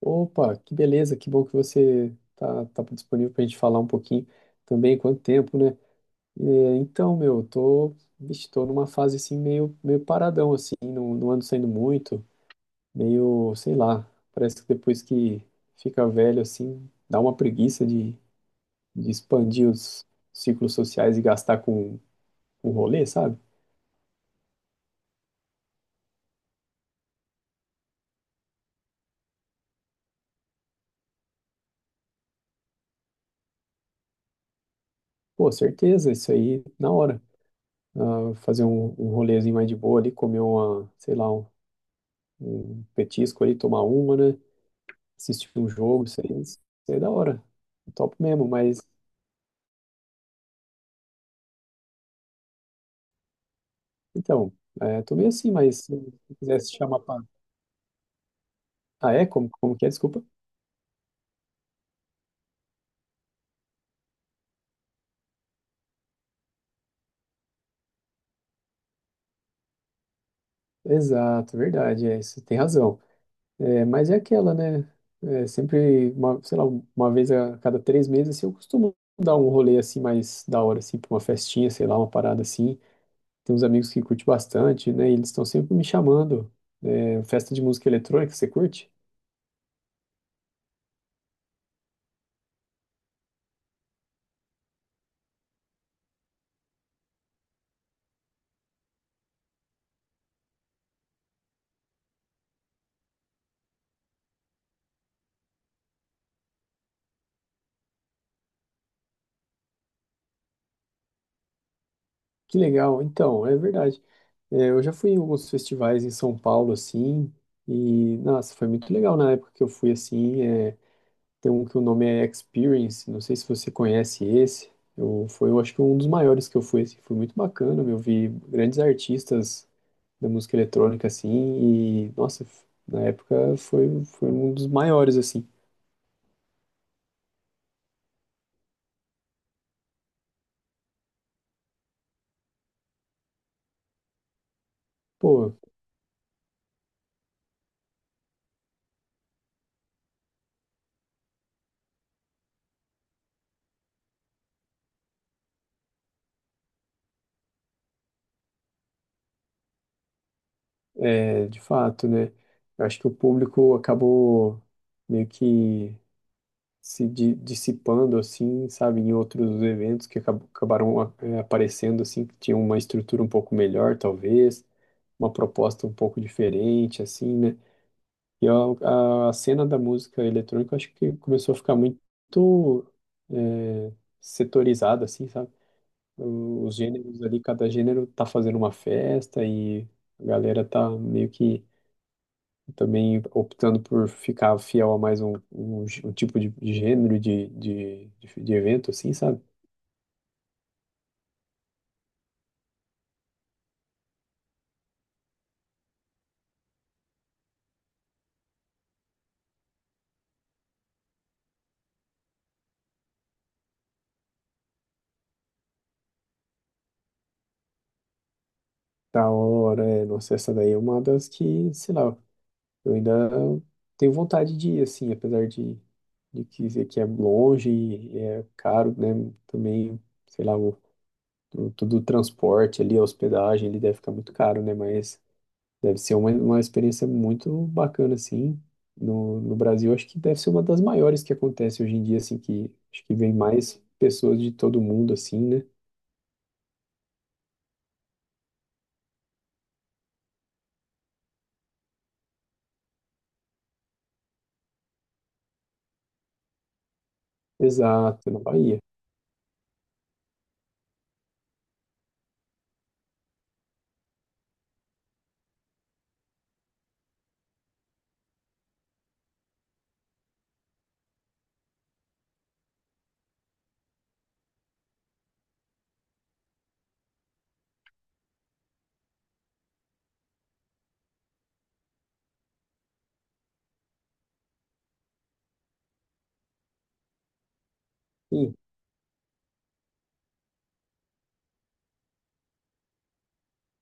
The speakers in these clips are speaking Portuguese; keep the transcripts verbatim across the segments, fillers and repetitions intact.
Opa, que beleza, que bom que você tá, tá disponível para a gente falar um pouquinho também, quanto tempo, né? É, então, meu, eu tô, vixe, tô numa fase assim meio, meio paradão, assim, não, não ando saindo muito, meio, sei lá, parece que depois que fica velho, assim, dá uma preguiça de, de expandir os ciclos sociais e gastar com, com rolê, sabe? Pô, certeza, isso aí na hora. Ah, fazer um, um rolezinho mais de boa ali, comer uma, sei lá, um, um petisco ali, tomar uma, né? Assistir um jogo, isso aí, isso aí é da hora. Top mesmo, mas. Então, é, tô meio assim, mas se se quisesse chamar pra. Ah, é? Como, como que é? Desculpa. Exato, verdade, é, você tem razão. É, mas é aquela, né? É, sempre, uma, sei lá, uma vez a cada três meses, assim, eu costumo dar um rolê assim mais da hora, assim, pra uma festinha, sei lá, uma parada assim. Tem uns amigos que curtem bastante, né? E eles estão sempre me chamando. É, festa de música eletrônica, você curte? Que legal, então, é verdade. É, eu já fui em alguns festivais em São Paulo, assim, e, nossa, foi muito legal na época que eu fui, assim, é, tem um que o nome é Experience, não sei se você conhece esse, eu, foi, eu acho que um dos maiores que eu fui, assim, foi muito bacana, eu vi grandes artistas da música eletrônica, assim, e, nossa, f- na época foi, foi um dos maiores, assim. Pô, é, de fato, né, eu acho que o público acabou meio que se di- dissipando assim, sabe, em outros eventos que acab- acabaram a- eh, aparecendo assim, que tinham uma estrutura um pouco melhor, talvez, uma proposta um pouco diferente, assim, né? E a, a cena da música eletrônica, acho que começou a ficar muito eh, setorizada, assim, sabe? Os gêneros ali, cada gênero tá fazendo uma festa e a galera tá meio que também optando por ficar fiel a mais um, um, gê- um tipo de, de gênero de, de, de, de evento, assim, sabe? Da hora, é, nossa, essa daí é uma das que, sei lá, eu ainda tenho vontade de ir, assim, apesar de, de que, dizer que é longe e é caro, né? Também, sei lá, o, o- todo o transporte ali, a hospedagem, ele deve ficar muito caro, né? Mas deve ser uma, uma experiência muito bacana, assim. No, no Brasil, acho que deve ser uma das maiores que acontece hoje em dia, assim, que acho que vem mais pessoas de todo mundo, assim, né? Exato, na Bahia. Sim,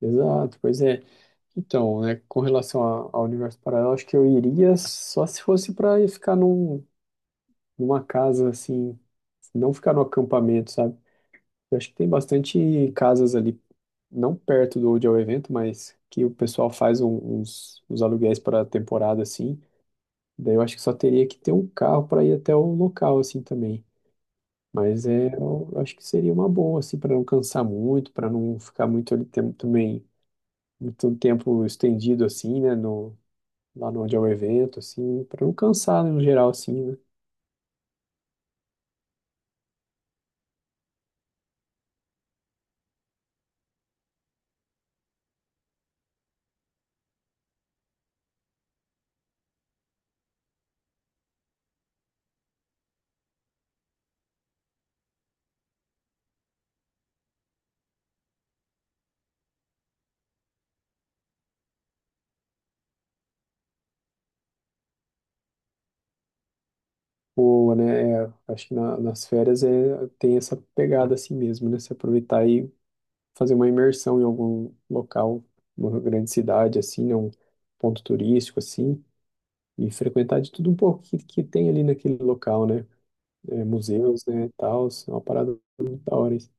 exato, pois é. Então, né, com relação a- ao universo paralelo, acho que eu iria só se fosse para ficar num, numa casa, assim, não ficar no acampamento, sabe? Eu acho que tem bastante casas ali não perto do onde é o evento, mas que o pessoal faz um- uns, uns aluguéis para temporada assim. Daí eu acho que só teria que ter um carro para ir até o local assim também. Mas é, eu acho que seria uma boa assim para não cansar muito, para não ficar muito ali tem- também muito tempo estendido assim, né, no lá no onde é o evento assim, para não cansar né, no geral assim, né? Ou, né, é, acho que na- nas férias é, tem essa pegada assim mesmo, né? Se aproveitar e fazer uma imersão em algum local, uma grande cidade, assim, né? Um ponto turístico, assim, e frequentar de tudo um pouco que, que tem ali naquele local, né? É, museus, né, tal, é uma parada muito da hora. Isso.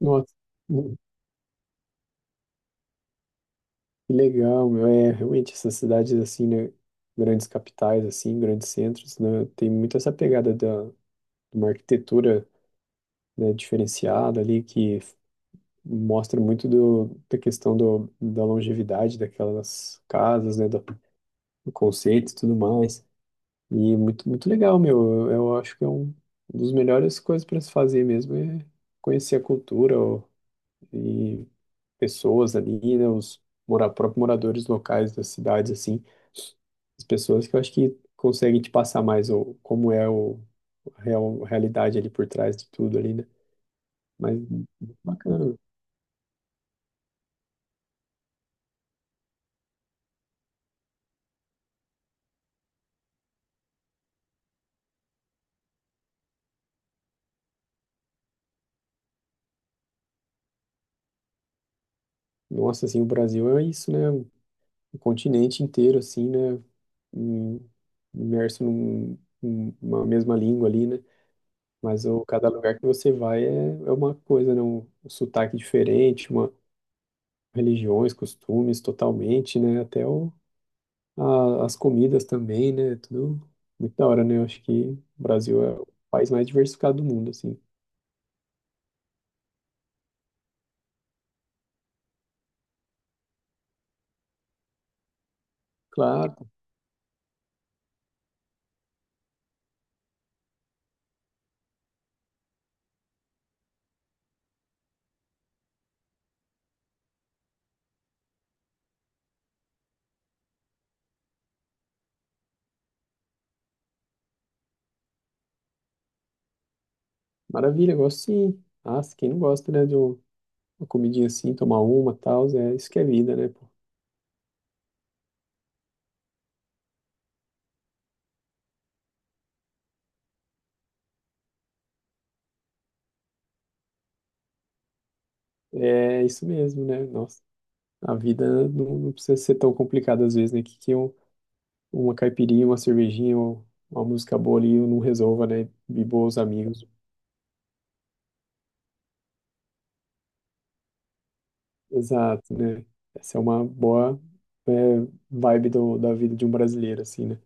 Nossa, hum, que legal, meu. É, realmente, essas cidades, assim, né? Grandes capitais, assim, grandes centros, né? Tem muito essa pegada da, de uma arquitetura, né, diferenciada ali, que mostra muito do, da questão do, da longevidade daquelas casas, né? da O conceito e tudo mais. E muito, muito legal, meu. Eu, eu acho que é um, um dos melhores coisas para se fazer mesmo é conhecer a cultura ó, e pessoas ali, né, os mora, próprios moradores locais das cidades, assim, as pessoas que eu acho que conseguem te passar mais o, como é o, a real, a realidade ali por trás de tudo ali, né? Mas muito bacana. Nossa, assim, o Brasil é isso, né? O continente inteiro, assim, né? em- Imerso num, numa mesma língua ali, né? Mas o, cada lugar que você vai é, é uma coisa, né? Um, um sotaque diferente, uma, religiões, costumes totalmente, né? Até o, a- as comidas também, né? Tudo muito da hora, né? Eu acho que o Brasil é o país mais diversificado do mundo, assim. Claro, maravilha, gosto sim. Ah, quem não gosta, né? De um- uma comidinha assim, tomar uma, tal, é, isso que é vida, né? Pô? É isso mesmo, né? Nossa. A vida não, não precisa ser tão complicada às vezes, né? Que, que um- uma caipirinha, uma cervejinha, ou uma música boa ali não resolva, né? E bons amigos. Exato, né? Essa é uma boa, é, vibe do, da vida de um brasileiro, assim, né?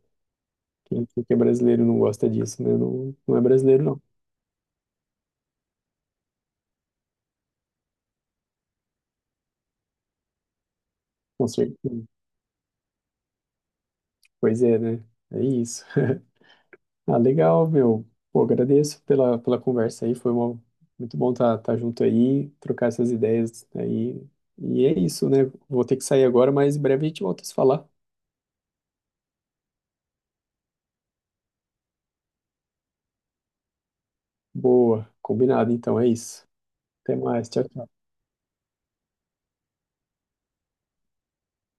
Quem, quem que é brasileiro não gosta disso, né? Não, não é brasileiro, não. Com certeza. Pois é, né? É isso. Ah, legal, meu. Pô, agradeço pela, pela conversa aí. Foi uma- muito bom estar tá, tá junto aí, trocar essas ideias aí. E é isso, né? Vou ter que sair agora, mas em breve a gente volta a se falar. Boa, combinado. Então é isso. Até mais. Tchau, tchau.